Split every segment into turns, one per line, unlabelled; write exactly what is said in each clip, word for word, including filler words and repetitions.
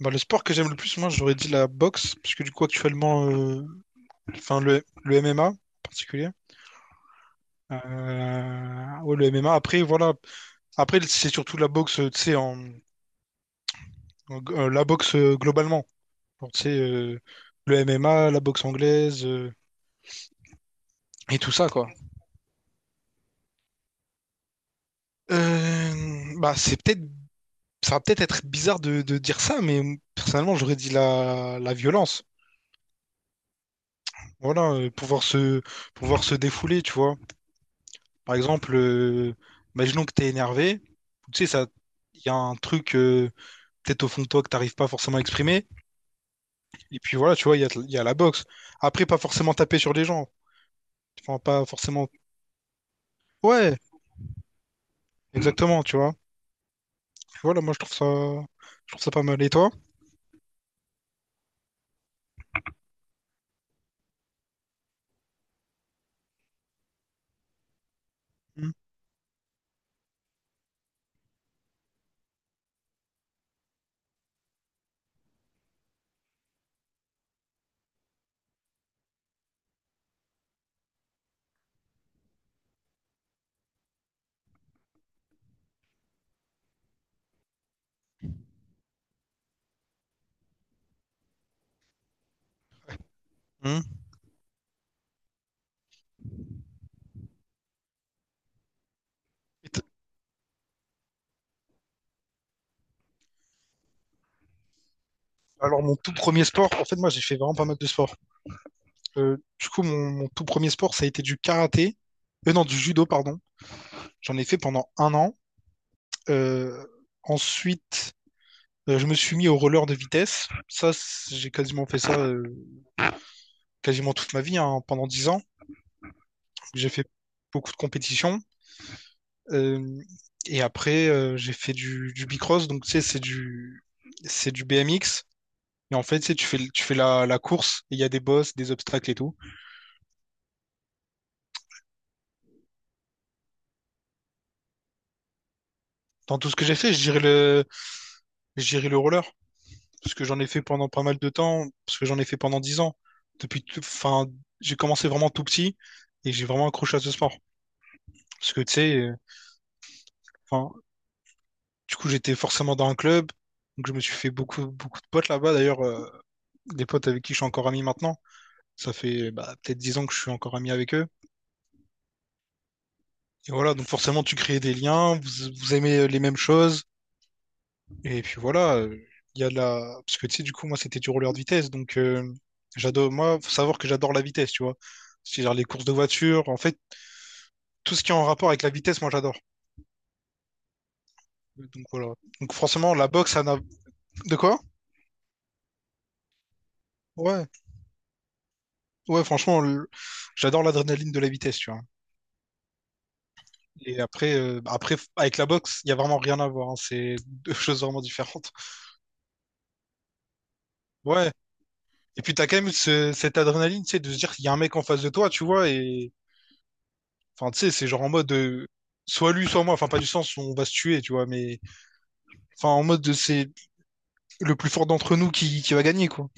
Bah, le sport que j'aime le plus, moi, j'aurais dit la boxe, puisque du coup, actuellement, euh, enfin, le, le M M A en particulier. Euh, ouais, le M M A. Après, voilà. Après, c'est surtout la boxe, euh, tu sais, en, en- euh, la boxe euh, globalement. Genre, tu sais, euh, le M M A, la boxe anglaise, euh, et tout ça, quoi. Euh, bah, c'est peut-être, ça va peut-être être bizarre de, de dire ça, mais personnellement, j'aurais dit la, la violence. Voilà, euh, pouvoir se, pouvoir se défouler, tu vois. Par exemple, euh, imaginons que tu es énervé, tu sais, ça, il y a un truc euh, peut-être au fond de toi que t'arrives pas forcément à exprimer. Et puis voilà, tu vois, il y a, il y a la boxe. Après, pas forcément taper sur les gens. Enfin, pas forcément. Ouais, exactement, tu vois. Voilà, moi je trouve ça, je trouve ça pas mal. Et toi? Mhm. Mhm. Et t- Alors, mon tout premier sport, en fait, moi j'ai fait vraiment pas mal de sports. Euh, du coup, mon, mon tout premier sport, ça a été du karaté. Euh, non, du judo, pardon. J'en ai fait pendant un an. Euh, Ensuite. Euh, je me suis mis au roller de vitesse. Ça, c'est- j'ai quasiment fait ça euh, quasiment toute ma vie, hein, pendant dix ans. J'ai fait beaucoup de compétitions. Euh, et après, euh, j'ai fait du, du bicross. Donc, tu sais, c'est du, c'est du B M X. Et en fait, tu sais, tu fais, le- tu fais la, la course. Et il y a des bosses, des obstacles et tout. Dans tout ce que j'ai fait, je dirais le, je dirais le roller. Parce que j'en ai fait pendant pas mal de temps. Parce que j'en ai fait pendant dix ans. Depuis tout- enfin, j'ai commencé vraiment tout petit. Et j'ai vraiment accroché à ce sport. Parce que, tu sais, euh, enfin, du coup, j'étais forcément dans un club. Donc, je me suis fait beaucoup, beaucoup de potes là-bas. D'ailleurs, euh, des potes avec qui je suis encore ami maintenant. Ça fait bah, peut-être dix ans que je suis encore ami avec eux. Et voilà, donc forcément, tu crées des liens, vous, vous aimez euh, les mêmes choses. Et puis voilà, euh, il y a de la... Parce que tu sais, du coup, moi, c'était du roller de vitesse. Donc, euh, j'adore... Moi, faut savoir que j'adore la vitesse, tu vois. C'est-à-dire les courses de voiture. En fait, tout ce qui est en rapport avec la vitesse, moi, j'adore. Donc, voilà. Donc, forcément, la boxe, ça n'a... De quoi? Ouais. Ouais, franchement, le- j'adore l'adrénaline de la vitesse, tu vois. Et après, euh, après, avec la boxe, il n'y a vraiment rien à voir, hein. C'est deux choses vraiment différentes. Ouais. Et puis, t'as quand même ce- cette adrénaline, tu sais, de se dire qu'il y a un mec en face de toi, tu vois. Et enfin, tu sais, c'est genre en mode euh, soit lui, soit moi. Enfin, pas du sens, on va se tuer, tu vois. Mais enfin, en mode de, c'est le plus fort d'entre nous qui, qui va gagner, quoi.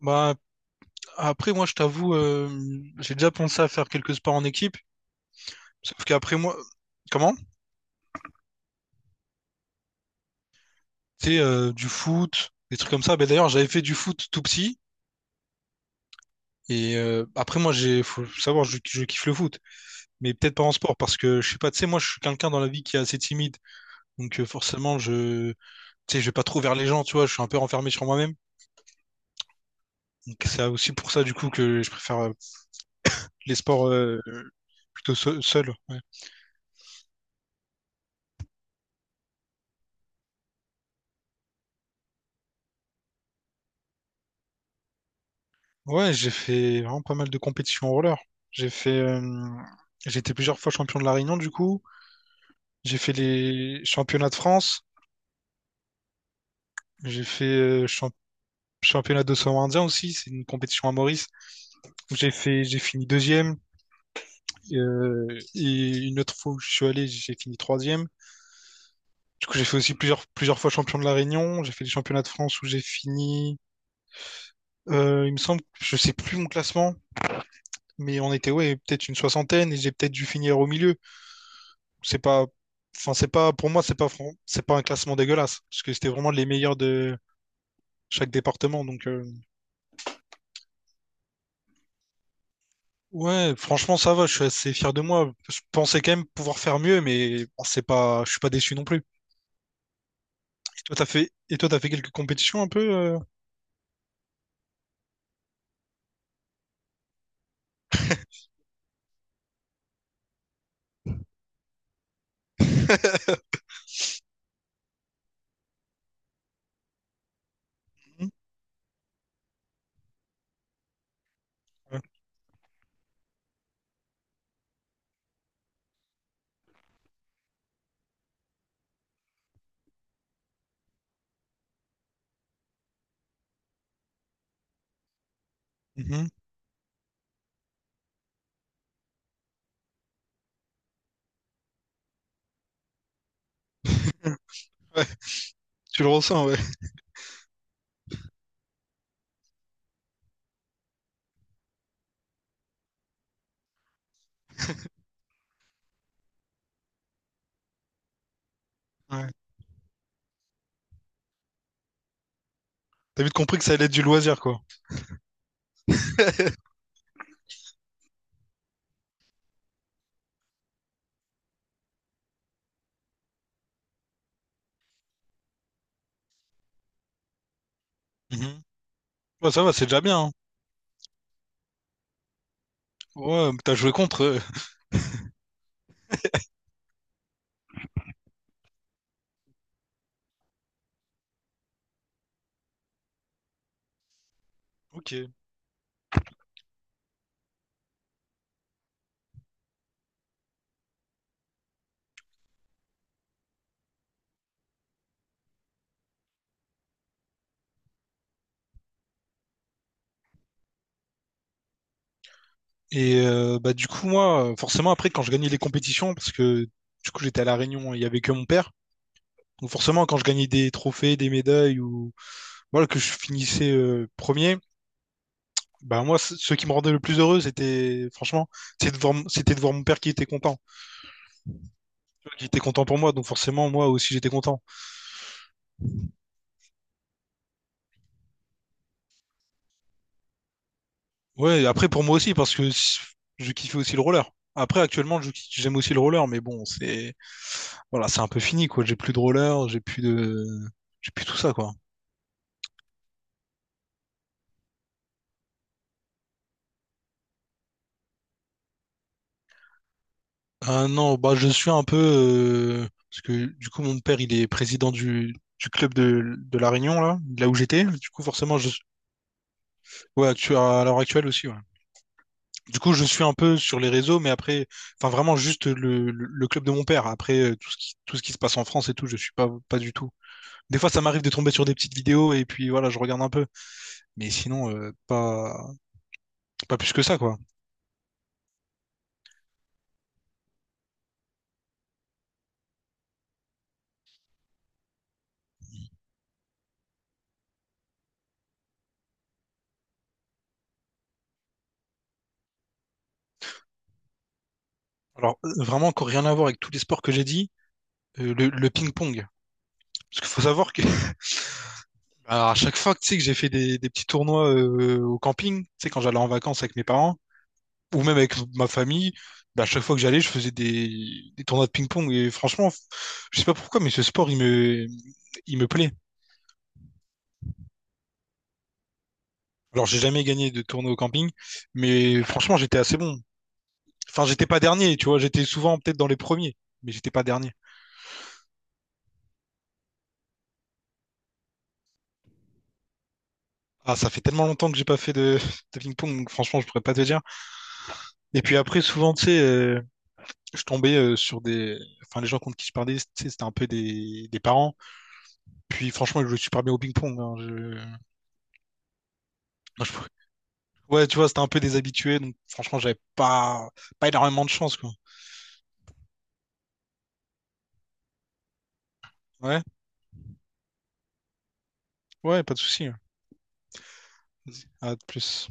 Bah, après, moi, je t'avoue, euh, j'ai déjà pensé à faire quelques sports en équipe. Sauf qu'après, moi, comment? Tu sais, euh, du foot, des trucs comme ça. Ben, d'ailleurs, j'avais fait du foot tout petit. Et euh, après, moi, j'ai, faut savoir, je, je kiffe le foot, mais peut-être pas en sport, parce que je sais pas, tu sais, moi, je suis quelqu'un dans la vie qui est assez timide, donc euh, forcément, je, tu sais, je vais pas trop vers les gens, tu vois, je suis un peu renfermé sur moi-même. Donc c'est aussi pour ça, du coup, que je préfère euh, les sports euh, plutôt seu- seul. Ouais, ouais, j'ai fait vraiment pas mal de compétitions en roller. J'ai fait, euh, j'ai été plusieurs fois champion de la Réunion, du coup. J'ai fait les championnats de France. J'ai fait euh, champ- championnat d'océan Indien aussi. C'est une compétition à Maurice. J'ai fait, j'ai fini deuxième. euh, et une autre fois où je suis allé, j'ai fini troisième. Du coup, j'ai fait aussi plusieurs, plusieurs fois champion de La Réunion. J'ai fait les championnats de France où j'ai fini, euh, il me semble, je sais plus mon classement, mais on était, ouais, peut-être une soixantaine et j'ai peut-être dû finir au milieu. C'est pas, enfin, c'est pas, pour moi, c'est pas, fran- c'est pas un classement dégueulasse parce que c'était vraiment les meilleurs de chaque département. Donc, euh, ouais, franchement, ça va. Je suis assez fier de moi. Je pensais quand même pouvoir faire mieux, mais bon, c'est pas, je suis pas déçu non plus. Toi, t'as fait... Et toi, t'as fait quelques compétitions un peu euh Mhm. Ouais. Mhm. Ouais, tu le ressens, ouais. Ouais. T'as vite compris que ça allait être du loisir, quoi. Mhm. Ouais, ça va, c'est déjà bien, hein. Ouais, mais t'as joué contre eux. Ok. Et euh, bah du coup moi, euh, forcément après quand je gagnais les compétitions, parce que du coup j'étais à La Réunion, il y avait que mon père. Donc forcément, quand je gagnais des trophées, des médailles ou voilà, que je finissais euh, premier, bah moi, c- ce qui me rendait le plus heureux, c'était franchement, c'était de voir, mon- c'était de voir mon père qui était content, qui était content pour moi. Donc forcément, moi aussi, j'étais content. Ouais, après pour moi aussi, parce que s- je kiffais aussi le roller. Après, actuellement, je- j'aime aussi le roller, mais bon, c'est voilà, c'est un peu fini quoi. J'ai plus de roller, j'ai plus de, j'ai plus tout ça quoi. Ah non, bah je suis un peu euh, parce que du coup mon père il est président du, du club de, de La Réunion là, de là où j'étais. Du coup forcément je ouais tu à l'heure actuelle aussi ouais. Du coup je suis un peu sur les réseaux mais après enfin vraiment juste le, le, le club de mon père. Après euh, tout ce qui tout ce qui se passe en France et tout, je suis pas pas du tout. Des fois ça m'arrive de tomber sur des petites vidéos et puis voilà, je regarde un peu. Mais sinon euh, pas pas plus que ça quoi. Alors euh, vraiment encore rien à voir avec tous les sports que j'ai dit, euh, le, le ping-pong. Parce qu'il faut savoir que Alors, à chaque fois que tu sais que j'ai fait des, des petits tournois euh, au camping, tu sais, quand j'allais en vacances avec mes parents, ou même avec ma famille, bah, à chaque fois que j'allais, je faisais des, des tournois de ping-pong. Et franchement, je sais pas pourquoi, mais ce sport, il me, il me plaît. Alors, j'ai jamais gagné de tournoi au camping, mais franchement, j'étais assez bon. Enfin, j'étais pas dernier, tu vois, j'étais souvent peut-être dans les premiers, mais j'étais pas dernier. Ah, ça fait tellement longtemps que j'ai pas fait de, de ping-pong, donc franchement, je pourrais pas te dire. Et puis après, souvent, tu sais, euh, je tombais euh, sur des. Enfin, les gens contre qui je parlais, tu sais, c'était un peu des... des parents. Puis franchement, ils jouaient super bien au ping-pong, hein. Je- moi, je- Ouais, tu vois, c'était un peu des habitués. Donc franchement, j'avais pas... pas énormément de chance, quoi. Ouais, ouais, pas de souci. À de plus.